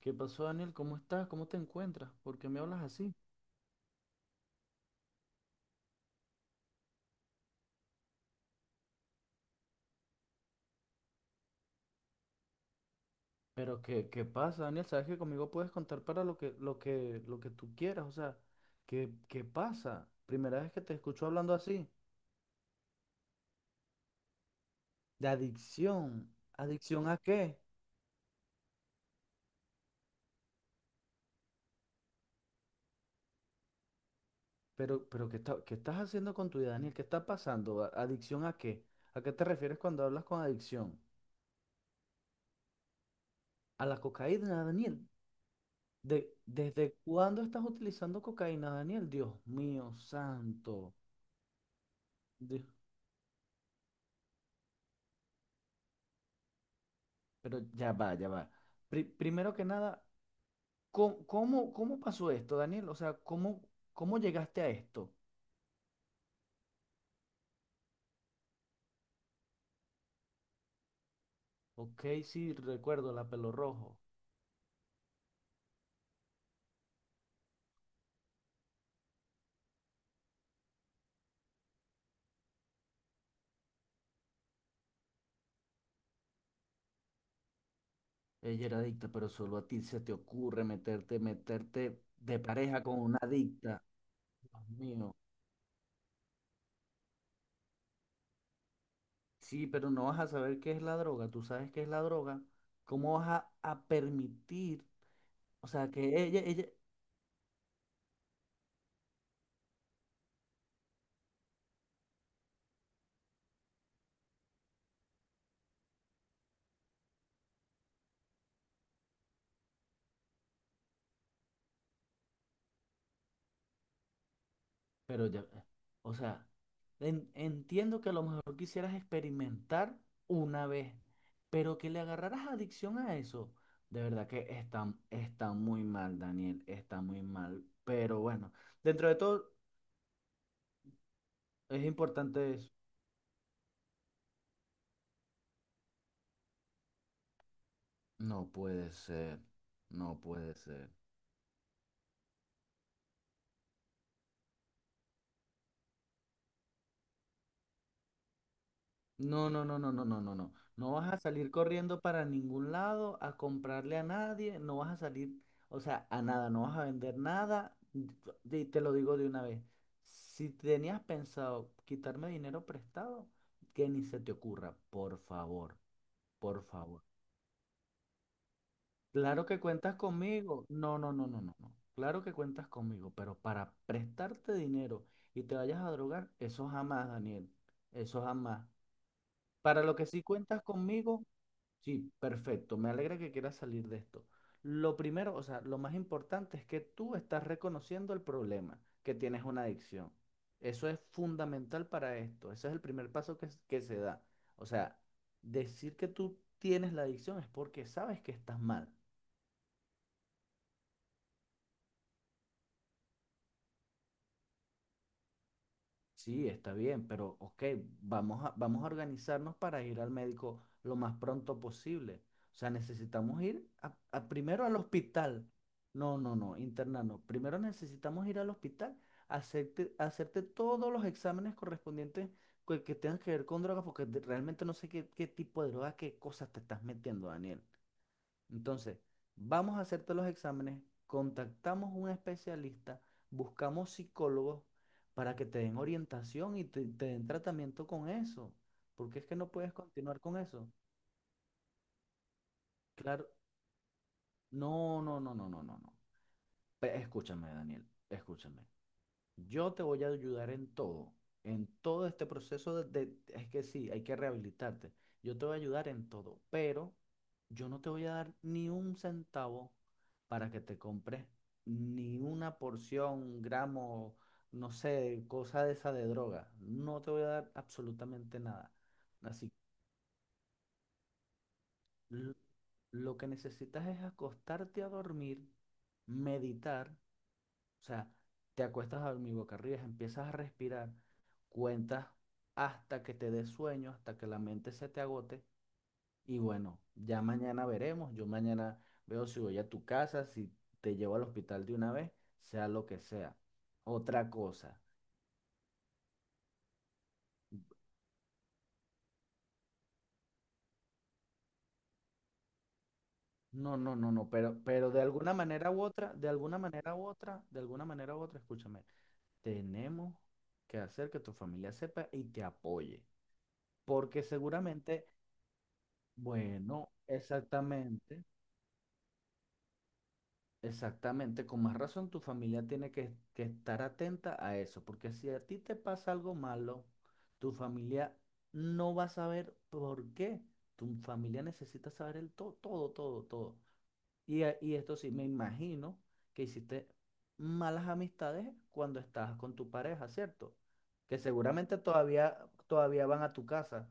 ¿Qué pasó, Daniel? ¿Cómo estás? ¿Cómo te encuentras? ¿Por qué me hablas así? Pero ¿qué pasa, Daniel? Sabes que conmigo puedes contar para lo que tú quieras. O sea, ¿qué pasa? Primera vez que te escucho hablando así. De adicción. ¿Adicción a qué? Pero ¿qué estás haciendo con tu vida, Daniel? ¿Qué está pasando? ¿Adicción a qué? ¿A qué te refieres cuando hablas con adicción? ¿A la cocaína, Daniel? ¿Desde cuándo estás utilizando cocaína, Daniel? Dios mío, santo. Pero ya va, ya va. Primero que nada, ¿cómo pasó esto, Daniel? O sea, ¿cómo llegaste a esto? Ok, sí, recuerdo la pelo rojo. Ella era adicta, pero solo a ti se te ocurre meterte de pareja con una adicta. Dios mío. Sí, pero no vas a saber qué es la droga. Tú sabes qué es la droga. ¿Cómo vas a permitir? O sea, que ella, pero ya, o sea. Entiendo que a lo mejor quisieras experimentar una vez, pero que le agarraras adicción a eso, de verdad que está muy mal, Daniel, está muy mal. Pero bueno, dentro de todo es importante eso. No puede ser, no puede ser. No, no, no, no, no, no, no, no. No vas a salir corriendo para ningún lado a comprarle a nadie, no vas a salir, o sea, a nada, no vas a vender nada. Y te lo digo de una vez. Si tenías pensado quitarme dinero prestado, que ni se te ocurra, por favor, por favor. Claro que cuentas conmigo. No, no, no, no, no, no. Claro que cuentas conmigo, pero para prestarte dinero y te vayas a drogar, eso jamás, Daniel. Eso jamás. Para lo que sí cuentas conmigo. Sí, perfecto. Me alegra que quieras salir de esto. Lo primero, o sea, lo más importante es que tú estás reconociendo el problema, que tienes una adicción. Eso es fundamental para esto. Ese es el primer paso que se da. O sea, decir que tú tienes la adicción es porque sabes que estás mal. Sí, está bien, pero ok, vamos a organizarnos para ir al médico lo más pronto posible. O sea, necesitamos ir primero al hospital. No, no, no, interna no. Primero necesitamos ir al hospital, hacerte todos los exámenes correspondientes que tengan que ver con drogas, porque realmente no sé qué, qué tipo de droga, qué cosas te estás metiendo, Daniel. Entonces, vamos a hacerte los exámenes, contactamos un especialista, buscamos psicólogos para que te den orientación y te den tratamiento con eso, porque es que no puedes continuar con eso. Claro, no, no, no, no, no, no, no. Escúchame, Daniel, escúchame. Yo te voy a ayudar en todo este proceso es que sí, hay que rehabilitarte. Yo te voy a ayudar en todo, pero yo no te voy a dar ni un centavo para que te compres ni una porción, un gramo, no sé, cosa de esa de droga. No te voy a dar absolutamente nada. Así, l- lo que necesitas es acostarte a dormir, meditar, o sea, te acuestas a dormir boca arriba, empiezas a respirar, cuentas hasta que te des sueño, hasta que la mente se te agote. Y bueno, ya mañana veremos. Yo mañana veo si voy a tu casa, si te llevo al hospital de una vez, sea lo que sea. Otra cosa. No, no, no, no, pero de alguna manera u otra, de alguna manera u otra, de alguna manera u otra, escúchame, tenemos que hacer que tu familia sepa y te apoye. Porque seguramente, bueno, exactamente. Exactamente, con más razón tu familia tiene que estar atenta a eso, porque si a ti te pasa algo malo, tu familia no va a saber por qué. Tu familia necesita saber el to todo, todo, todo. Y esto sí, me imagino que hiciste malas amistades cuando estabas con tu pareja, ¿cierto? Que seguramente todavía van a tu casa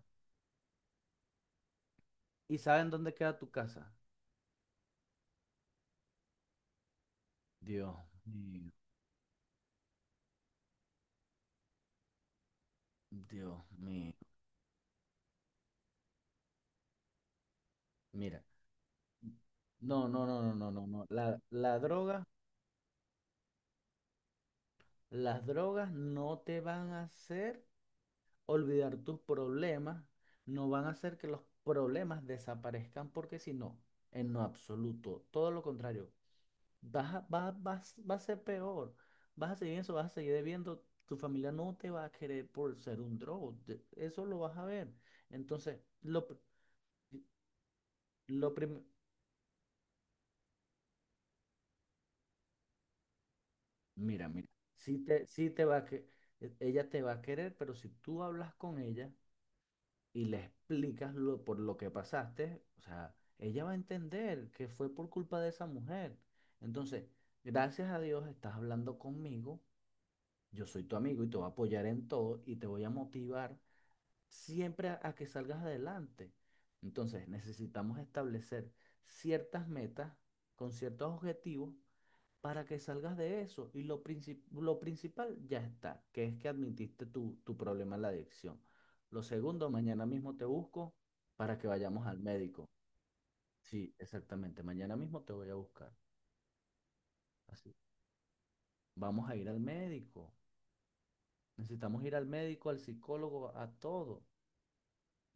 y saben dónde queda tu casa. Dios mío, Dios mío. Mira. No, no, no, no, no, no, no. Las drogas no te van a hacer olvidar tus problemas, no van a hacer que los problemas desaparezcan, porque si no, en lo absoluto, todo lo contrario, vas a, va, vas- va a ser peor, vas a seguir en eso, vas a seguir debiendo, tu familia no te va a querer por ser un drogo, eso lo vas a ver. Entonces, lo primero. Mira, mira, sí te va a que, e- ella te va a querer, pero si tú hablas con ella y le explicas por lo que pasaste, o sea, ella va a entender que fue por culpa de esa mujer. Entonces, gracias a Dios estás hablando conmigo, yo soy tu amigo y te voy a apoyar en todo y te voy a motivar siempre a que salgas adelante. Entonces, necesitamos establecer ciertas metas con ciertos objetivos para que salgas de eso. Y lo principal ya está, que es que admitiste tu problema en la adicción. Lo segundo, mañana mismo te busco para que vayamos al médico. Sí, exactamente, mañana mismo te voy a buscar. Así. Vamos a ir al médico. Necesitamos ir al médico, al psicólogo, a todo.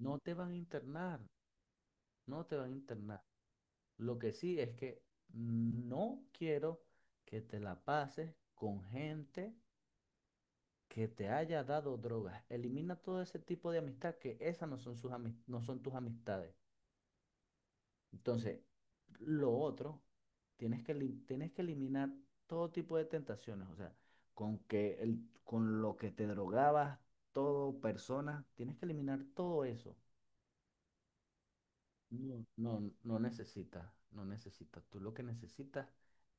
No te van a internar, no te van a internar. Lo que sí es que no quiero que te la pases con gente que te haya dado drogas. Elimina todo ese tipo de amistad que esas no son no son tus amistades. Entonces, lo otro, tienes que eliminar todo tipo de tentaciones. O sea, con lo que te drogabas, todo, persona, tienes que eliminar todo eso. No, no, no necesitas, no necesitas. Tú lo que necesitas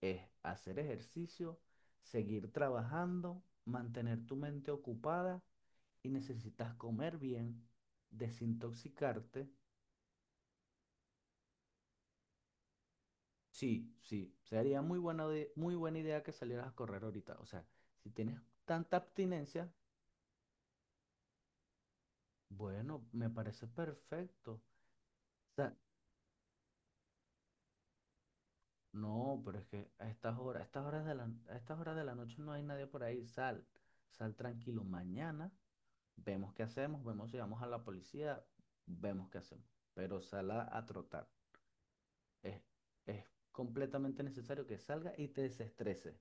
es hacer ejercicio, seguir trabajando, mantener tu mente ocupada y necesitas comer bien, desintoxicarte. Sí, sí, sería muy buena idea que salieras a correr ahorita. O sea, si tienes tanta abstinencia, bueno, me parece perfecto. No, pero es que a estas horas de la noche no hay nadie por ahí. Sal, sal tranquilo. Mañana vemos qué hacemos, vemos si vamos a la policía, vemos qué hacemos. Pero sal a trotar. Es, es completamente necesario que salga y te desestreses.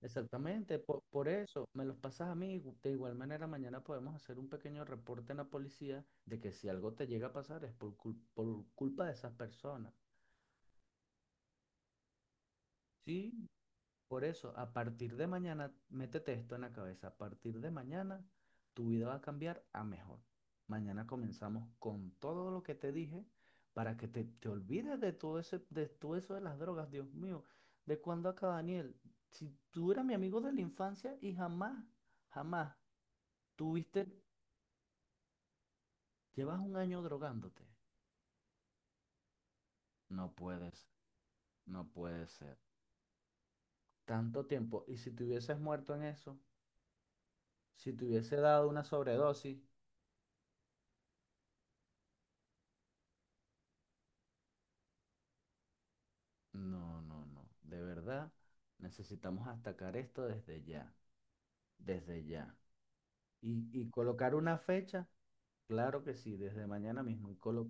Exactamente, eso me los pasas a mí. De igual manera, mañana podemos hacer un pequeño reporte en la policía de que si algo te llega a pasar es por culpa de esas personas. Sí, por eso, a partir de mañana, métete esto en la cabeza. A partir de mañana, tu vida va a cambiar a mejor. Mañana comenzamos con todo lo que te dije para que te olvides de todo eso de las drogas. Dios mío, ¿de cuándo acá, Daniel? Si tú eras mi amigo de la infancia y jamás, jamás tuviste, llevas un año drogándote. No puedes, no puede ser. Tanto tiempo. Y si te hubieses muerto en eso, si te hubiese dado una sobredosis. No, no, no. De verdad, necesitamos atacar esto desde ya, desde ya. Y colocar una fecha, claro que sí, desde mañana mismo.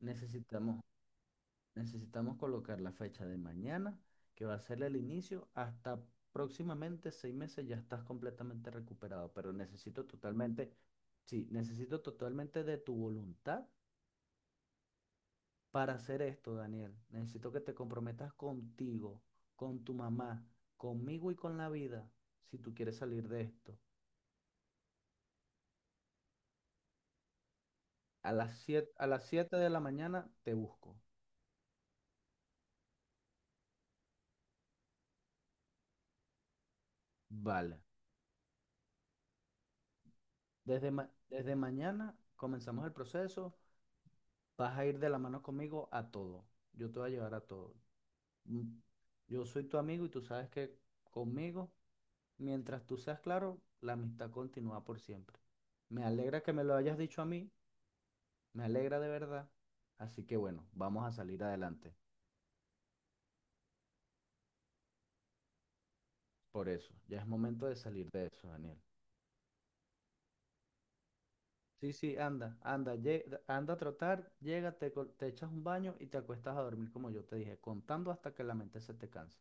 necesitamos, necesitamos colocar la fecha de mañana, que va a ser el inicio, hasta próximamente 6 meses ya estás completamente recuperado. Pero sí, necesito totalmente de tu voluntad. Para hacer esto, Daniel, necesito que te comprometas contigo, con tu mamá, conmigo y con la vida, si tú quieres salir de esto. A las 7, a las 7 de la mañana te busco. Vale. Desde mañana comenzamos el proceso. Vas a ir de la mano conmigo a todo. Yo te voy a llevar a todo. Mm. Yo soy tu amigo y tú sabes que conmigo, mientras tú seas claro, la amistad continúa por siempre. Me alegra que me lo hayas dicho a mí. Me alegra de verdad. Así que bueno, vamos a salir adelante. Por eso, ya es momento de salir de eso, Daniel. Sí, sí, anda, anda, anda a trotar, llega, te echas un baño y te acuestas a dormir como yo te dije, contando hasta que la mente se te canse.